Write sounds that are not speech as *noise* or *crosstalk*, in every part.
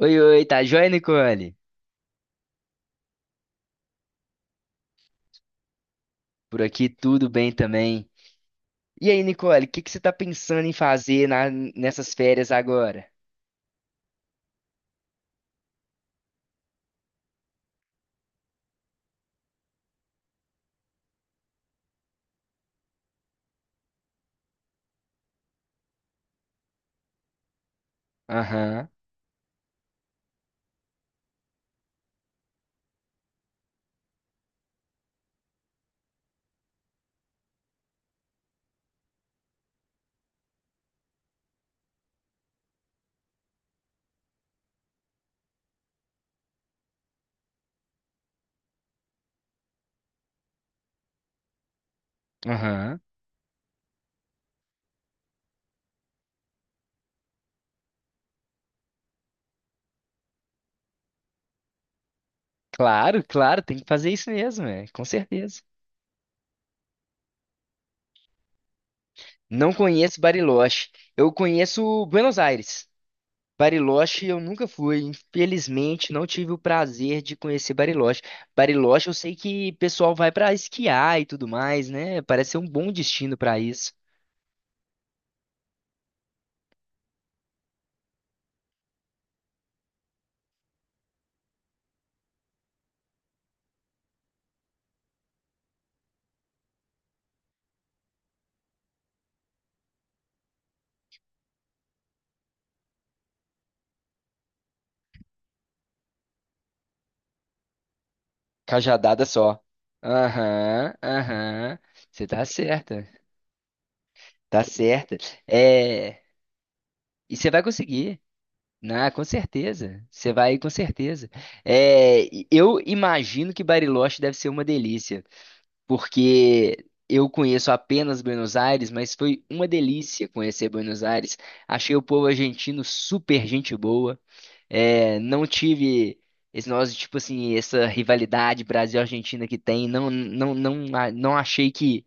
Oi, oi, tá joia, Nicole? Por aqui tudo bem também. E aí, Nicole, o que que você tá pensando em fazer nessas férias agora? Aham, aham. Claro, claro, tem que fazer isso mesmo, é, com certeza. Não conheço Bariloche. Eu conheço Buenos Aires. Bariloche eu nunca fui, infelizmente não tive o prazer de conhecer Bariloche. Bariloche eu sei que o pessoal vai pra esquiar e tudo mais, né? Parece ser um bom destino pra isso. Cajadada só. Aham, aham. Você tá certa. Tá certa. É, e você vai conseguir. Na, com certeza. Você vai com certeza. É, e eu imagino que Bariloche deve ser uma delícia, porque eu conheço apenas Buenos Aires, mas foi uma delícia conhecer Buenos Aires. Achei o povo argentino super gente boa. É, não tive esse negócio, tipo assim, essa rivalidade Brasil-Argentina que tem. Não, não, não, não achei que.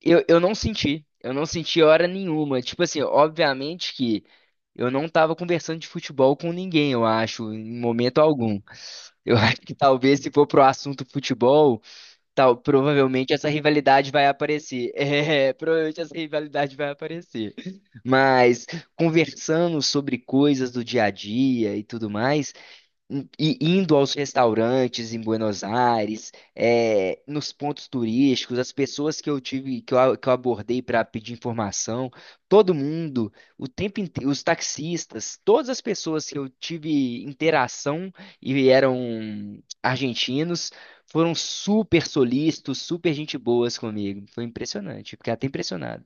Eu não senti. Eu não senti hora nenhuma. Tipo assim, obviamente que eu não tava conversando de futebol com ninguém, eu acho, em momento algum. Eu *laughs* acho que talvez se for pro assunto futebol, tal, provavelmente essa rivalidade vai aparecer. *laughs* É, provavelmente essa rivalidade vai aparecer. Mas conversando sobre coisas do dia a dia e tudo mais, e indo aos restaurantes em Buenos Aires, nos pontos turísticos, as pessoas que eu tive, que eu, a- que eu abordei para pedir informação, todo mundo, o tempo inteiro, os taxistas, todas as pessoas que eu tive interação e eram argentinos, foram super solícitos, super gente boas comigo. Foi impressionante, fiquei até impressionado,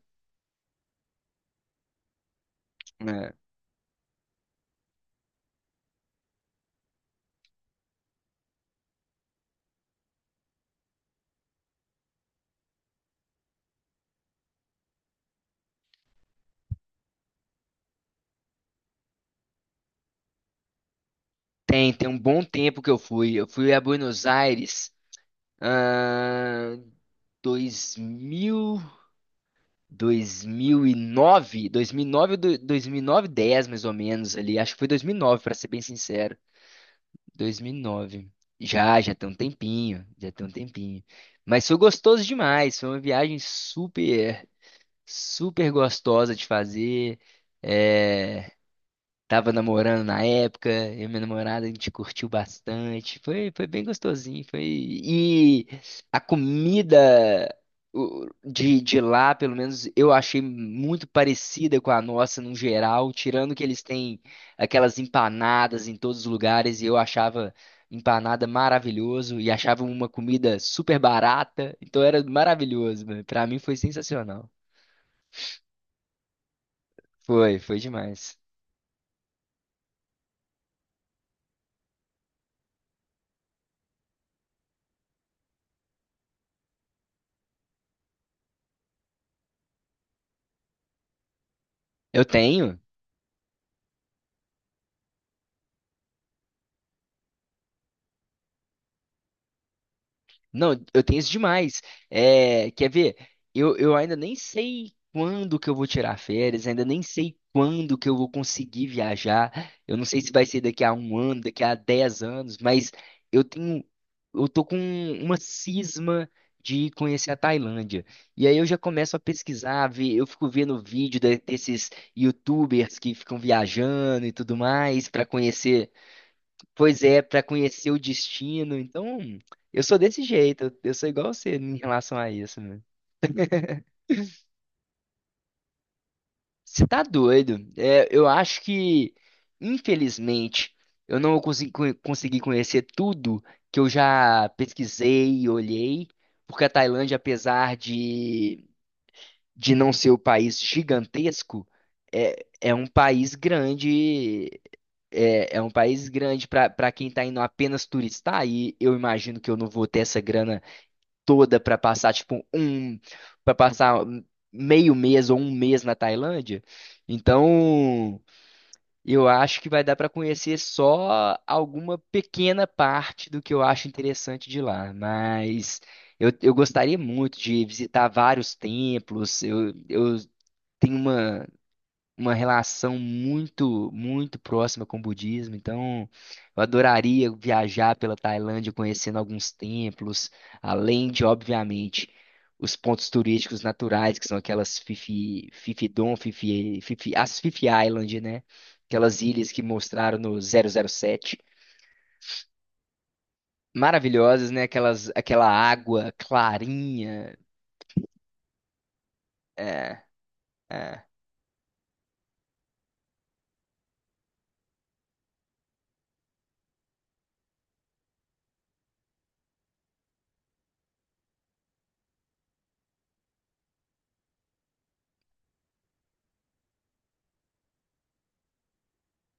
né? Tem um bom tempo que eu fui. Eu fui a Buenos Aires. 2000, 2009, 2009, 10 mais ou menos ali. Acho que foi 2009, para ser bem sincero. 2009. Já tem um tempinho, já tem um tempinho. Mas foi gostoso demais, foi uma viagem super gostosa de fazer. É, tava namorando na época, eu e minha namorada, a gente curtiu bastante. Foi bem gostosinho, foi. E a comida de lá, pelo menos, eu achei muito parecida com a nossa no geral, tirando que eles têm aquelas empanadas em todos os lugares, e eu achava empanada maravilhoso, e achava uma comida super barata, então era maravilhoso, mano. Pra mim foi sensacional. Foi, foi demais. Eu tenho... Não, eu tenho isso demais. É, quer ver? Eu ainda nem sei quando que eu vou tirar férias, ainda nem sei quando que eu vou conseguir viajar. Eu não sei se vai ser daqui a um ano, daqui a dez anos, mas eu tenho, eu tô com uma cisma de conhecer a Tailândia. E aí eu já começo a pesquisar, ver, eu fico vendo vídeo desses YouTubers que ficam viajando e tudo mais para conhecer. Pois é, pra conhecer o destino. Então, eu sou desse jeito. Eu sou igual você em relação a isso, né? Você tá doido? É, eu acho que, infelizmente, eu não consegui conhecer tudo que eu já pesquisei e olhei, porque a Tailândia, apesar de não ser o país gigantesco, é um país grande. É um país grande para quem está indo apenas turistar, e eu imagino que eu não vou ter essa grana toda pra passar, pra passar meio mês ou um mês na Tailândia. Então, eu acho que vai dar pra conhecer só alguma pequena parte do que eu acho interessante de lá, mas eu gostaria muito de visitar vários templos. Eu tenho uma relação muito próxima com o budismo. Então, eu adoraria viajar pela Tailândia conhecendo alguns templos, além de, obviamente, os pontos turísticos naturais, que são aquelas Phi Phi Don, as Phi Phi Island, né? Aquelas ilhas que mostraram no zero zero sete. Maravilhosas, né? Aquelas, aquela água clarinha. É, é,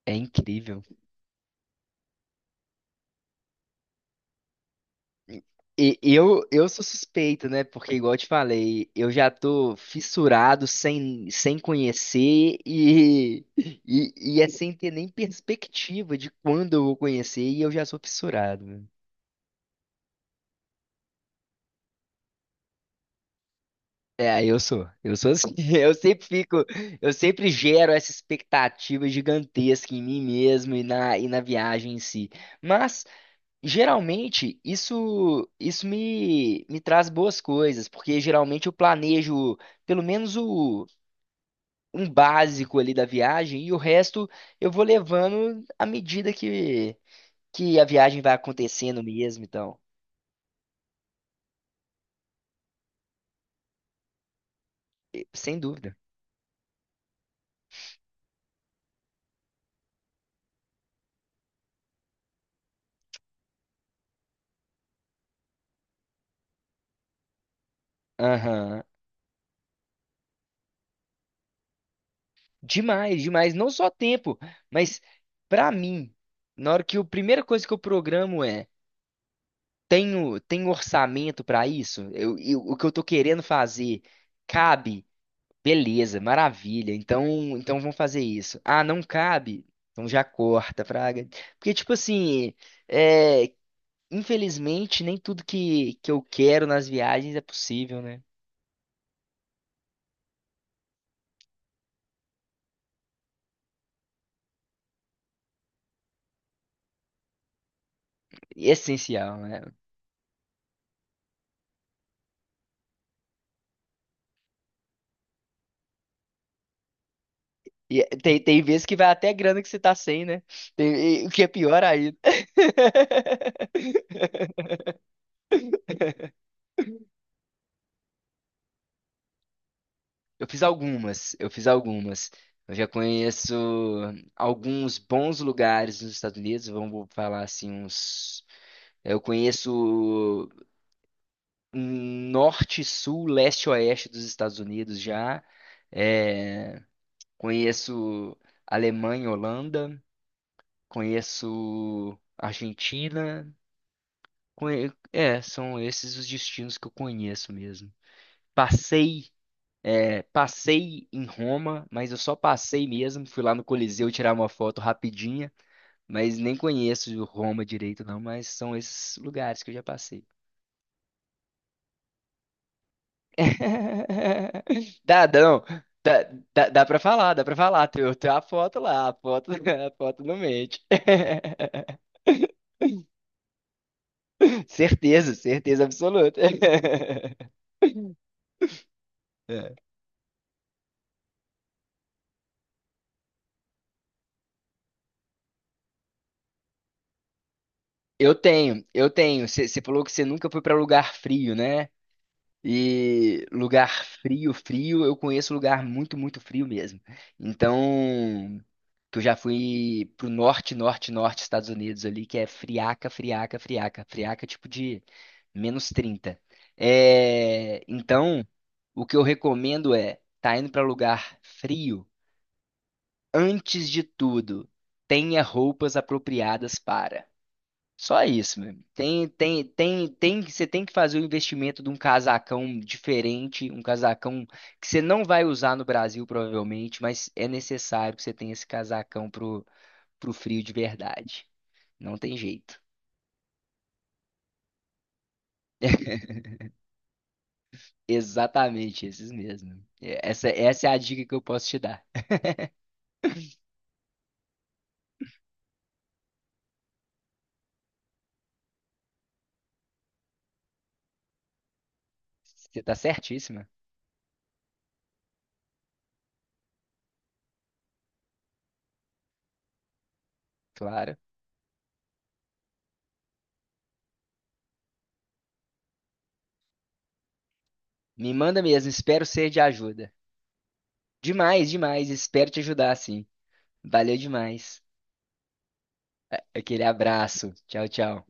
é incrível. E eu sou suspeito, né? Porque, igual eu te falei, eu já tô fissurado sem conhecer e é sem ter nem perspectiva de quando eu vou conhecer e eu já sou fissurado, né? É, eu sou. Eu sou assim. *laughs* Eu sempre fico, eu sempre gero essa expectativa gigantesca em mim mesmo e e na viagem em si. Mas geralmente, isso me traz boas coisas, porque geralmente eu planejo pelo menos um básico ali da viagem e o resto eu vou levando à medida que a viagem vai acontecendo mesmo, então, sem dúvida. Aham. Demais, demais. Não só tempo, mas pra mim, na hora que a primeira coisa que eu programo é: tenho, tenho orçamento pra isso? O que eu tô querendo fazer cabe? Beleza, maravilha. Então vamos fazer isso. Ah, não cabe? Então já corta, Fraga. Porque, tipo assim, é, infelizmente, nem tudo que eu quero nas viagens é possível, né? E é essencial, né? E é, tem vezes que vai até grana que você tá sem, né? E o que é pior ainda. *laughs* Eu fiz algumas, eu fiz algumas. Eu já conheço alguns bons lugares nos Estados Unidos, vamos falar assim, uns. Eu conheço norte, sul, leste, oeste dos Estados Unidos já. É, conheço Alemanha, Holanda, conheço Argentina. É, são esses os destinos que eu conheço mesmo. Passei... É, passei em Roma, mas eu só passei mesmo. Fui lá no Coliseu tirar uma foto rapidinha, mas nem conheço Roma direito, não. Mas são esses lugares que eu já passei. *laughs* Dá, não. Dá, dá pra falar, dá pra falar. Tem, tem a foto lá, a foto, *laughs* a foto não mente. *laughs* Certeza, certeza absoluta. *laughs* É. Eu tenho. Você falou que você nunca foi pra lugar frio, né? E lugar frio, frio, eu conheço lugar muito, muito frio mesmo. Então, que eu já fui pro norte, norte, norte, Estados Unidos ali, que é friaca, friaca, friaca, friaca, é tipo de -30. É, então, o que eu recomendo é, tá indo para lugar frio, antes de tudo, tenha roupas apropriadas para. Só isso, meu. Você tem que fazer o investimento de um casacão diferente, um casacão que você não vai usar no Brasil, provavelmente, mas é necessário que você tenha esse casacão pro frio de verdade. Não tem jeito. *laughs* Exatamente, esses mesmo. Essa, essa é a dica que eu posso te dar. Você tá certíssima? Claro. Me manda mesmo, espero ser de ajuda. Demais, demais, espero te ajudar, sim. Valeu demais. Aquele abraço. Tchau, tchau.